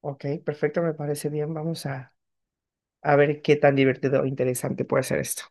Ok, perfecto, me parece bien. Vamos a ver qué tan divertido o interesante puede ser esto.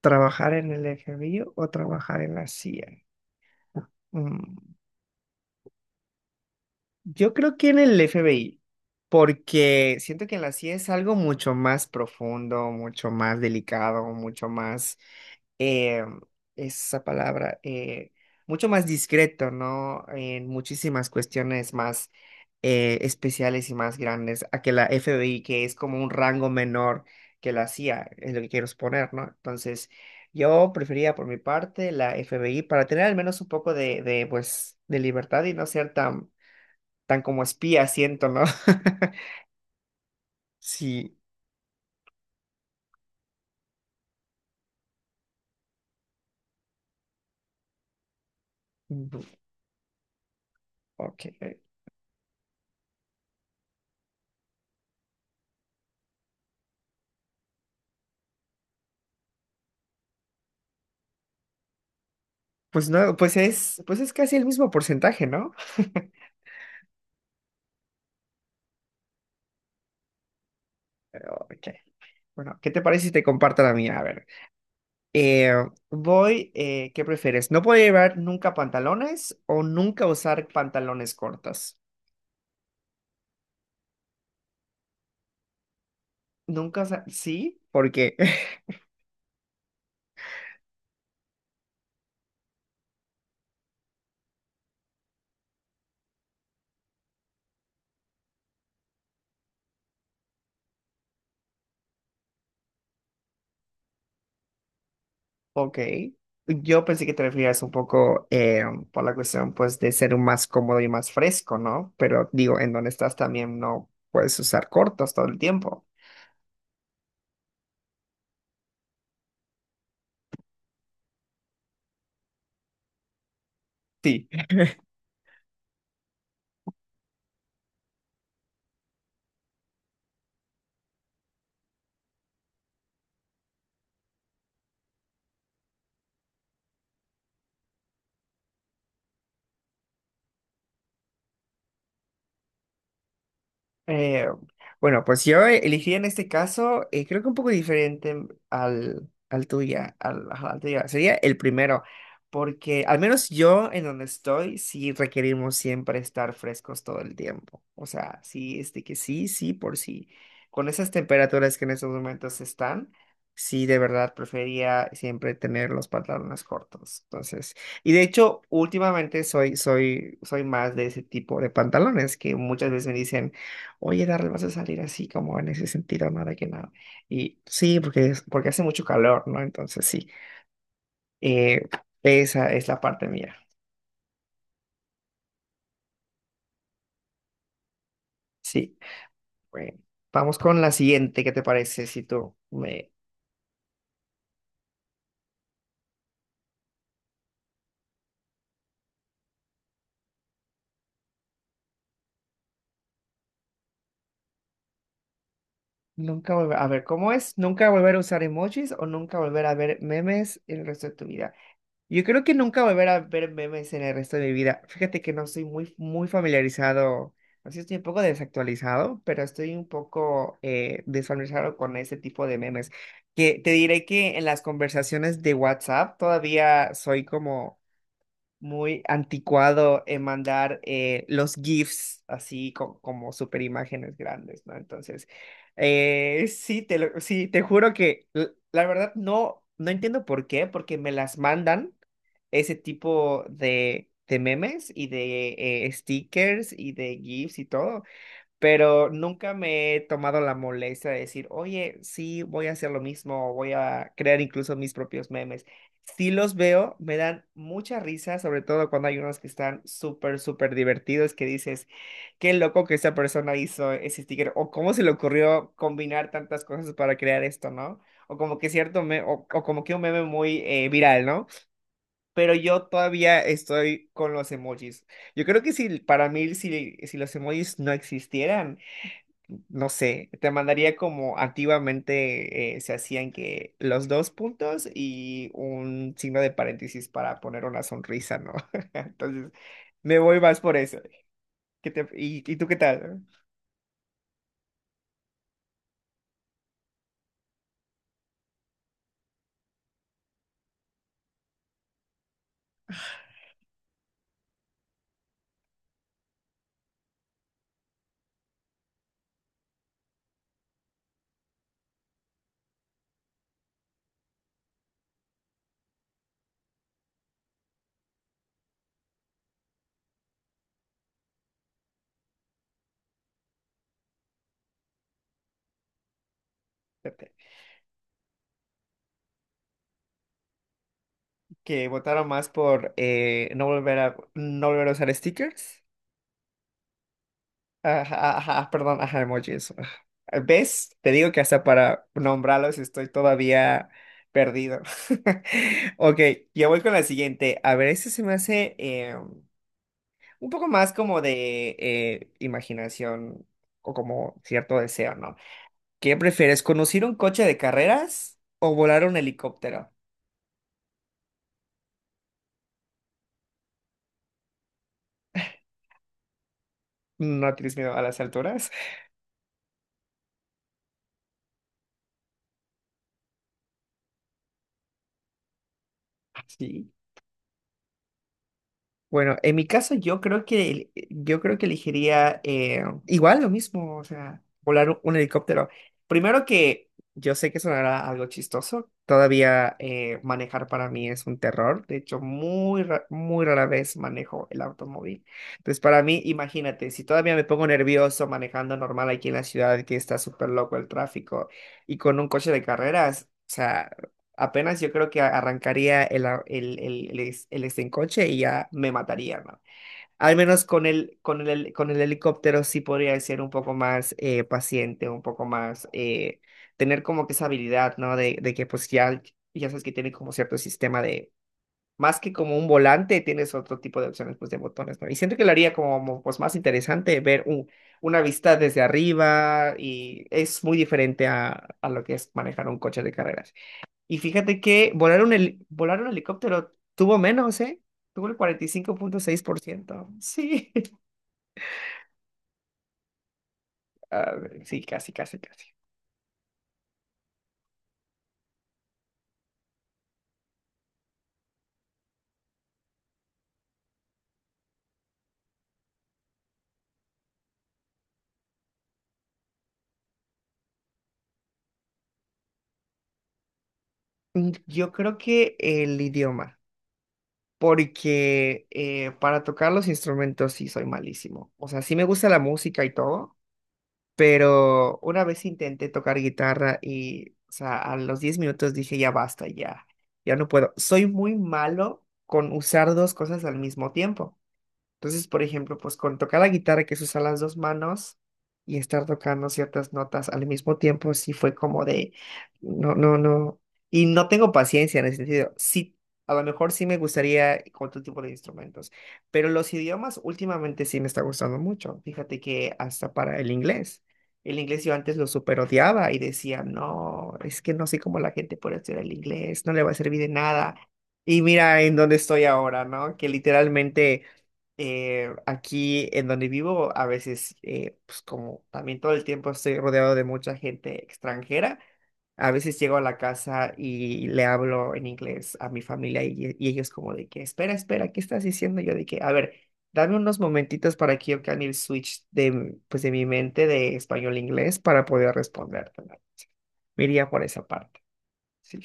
¿Trabajar en el FBI o trabajar en la CIA? Mm, yo creo que en el FBI, porque siento que en la CIA es algo mucho más profundo, mucho más delicado, mucho más eh, esa palabra, mucho más discreto, ¿no? En muchísimas cuestiones más especiales y más grandes a que la FBI, que es como un rango menor que la CIA, es lo que quiero exponer, ¿no? Entonces, yo prefería por mi parte la FBI para tener al menos un poco de pues, de libertad y no ser tan, tan como espía, siento, ¿no? Sí, bu- ok. Pues no, pues es casi el mismo porcentaje, ¿no? Ok. Bueno, ¿qué te parece si te comparto la mía? A ver, eh, ¿qué prefieres? ¿No puedo llevar nunca pantalones o nunca usar pantalones cortos? Nunca, sí, ¿por qué? Ok, yo pensé que te referías un poco por la cuestión, pues, de ser un más cómodo y más fresco, ¿no? Pero digo, en donde estás también no puedes usar cortos todo el tiempo. Sí. Eh, bueno, pues yo elegiría en este caso, creo que un poco diferente al, al tuya. Sería el primero, porque al menos yo en donde estoy, sí requerimos siempre estar frescos todo el tiempo. O sea, sí, este que sí, sí, por sí. Con esas temperaturas que en estos momentos están, sí, de verdad prefería siempre tener los pantalones cortos. Entonces, y de hecho, últimamente soy más de ese tipo de pantalones que muchas veces me dicen. Oye, Darrell, vas a salir así como en ese sentido, nada que nada. Y sí, porque, porque hace mucho calor, ¿no? Entonces sí, eh, esa es la parte mía. Sí, bueno, vamos con la siguiente, ¿qué te parece? Si tú me... Nunca volver, a ver, ¿cómo es? ¿Nunca volver a usar emojis o nunca volver a ver memes el resto de tu vida? Yo creo que nunca volver a ver memes en el resto de mi vida. Fíjate que no estoy muy, muy familiarizado, así estoy un poco desactualizado, pero estoy un poco desfamiliarizado con ese tipo de memes. Que te diré que en las conversaciones de WhatsApp todavía soy como muy anticuado en mandar los GIFs así como super imágenes grandes, ¿no? Entonces, sí, sí, te juro que la verdad no, no entiendo por qué, porque me las mandan ese tipo de memes y de stickers y de GIFs y todo, pero nunca me he tomado la molestia de decir, oye, sí, voy a hacer lo mismo, o voy a crear incluso mis propios memes. Sí los veo, me dan mucha risa, sobre todo cuando hay unos que están súper, súper divertidos, que dices, qué loco que esa persona hizo ese sticker, o cómo se le ocurrió combinar tantas cosas para crear esto, ¿no? O como que cierto, o como que un meme muy viral, ¿no? Pero yo todavía estoy con los emojis. Yo creo que si para mí, si los emojis no existieran, no sé, te mandaría como antiguamente se hacían que los dos puntos y un signo de paréntesis para poner una sonrisa, ¿no? Entonces, me voy más por eso. ¿Y tú qué tal? Fíjate, que votaron más por no volver a usar stickers. Ajá, ajá, perdón, ajá, emojis, ajá. ¿Ves? Te digo que hasta para nombrarlos estoy todavía perdido. Ok, ya voy con la siguiente. A ver, este se me hace un poco más como de imaginación o como cierto deseo, ¿no? ¿Qué prefieres, conducir un coche de carreras o volar un helicóptero? ¿No tienes miedo a las alturas? Sí. Bueno, en mi caso yo creo que yo creo que elegiría igual lo mismo, o sea, volar un helicóptero. Primero que yo sé que sonará algo chistoso, todavía manejar para mí es un terror, de hecho muy rara vez manejo el automóvil. Entonces para mí, imagínate, si todavía me pongo nervioso manejando normal aquí en la ciudad que está súper loco el tráfico y con un coche de carreras. O sea, apenas yo creo que a- arrancaría el, a- el, el es- el estincoche y ya me mataría, hermano. Al menos con el helicóptero sí podría ser un poco más paciente, un poco más, tener como que esa habilidad, ¿no? De que pues ya, ya sabes que tiene como cierto sistema de, más que como un volante, tienes otro tipo de opciones pues de botones, ¿no? Y siento que lo haría como pues más interesante ver un, una vista desde arriba y es muy diferente a lo que es manejar un coche de carreras. Y fíjate que volar un helicóptero tuvo menos, ¿eh? Tuvo el 45.6%. Sí. A ver, sí, casi, casi, casi. Yo creo que el idioma, porque para tocar los instrumentos sí soy malísimo. O sea, sí me gusta la música y todo, pero una vez intenté tocar guitarra y, o sea, a los 10 minutos dije, ya basta, ya, ya no puedo. Soy muy malo con usar dos cosas al mismo tiempo. Entonces, por ejemplo, pues con tocar la guitarra, que se usan las dos manos, y estar tocando ciertas notas al mismo tiempo, sí fue como de, no, no, no. Y no tengo paciencia en ese sentido. Sí, a lo mejor sí me gustaría con otro tipo de instrumentos, pero los idiomas últimamente sí me está gustando mucho. Fíjate que hasta para el inglés. El inglés yo antes lo super odiaba y decía, no, es que no sé cómo la gente puede estudiar el inglés, no le va a servir de nada. Y mira en dónde estoy ahora, ¿no? Que literalmente aquí en donde vivo, a veces, pues como también todo el tiempo estoy rodeado de mucha gente extranjera, a veces llego a la casa y le hablo en inglés a mi familia y ellos como de que, espera, espera, ¿qué estás diciendo? Yo de que, a ver, dame unos momentitos para que yo cambie el switch de, m- pues de mi mente de español a inglés para poder responderte. Me iría por esa parte. Sí.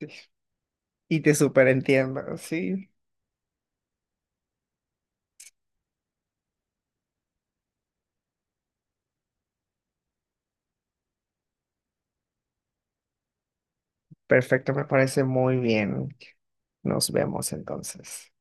Sí. Y te superentiendo, sí. Perfecto, me parece muy bien. Nos vemos entonces.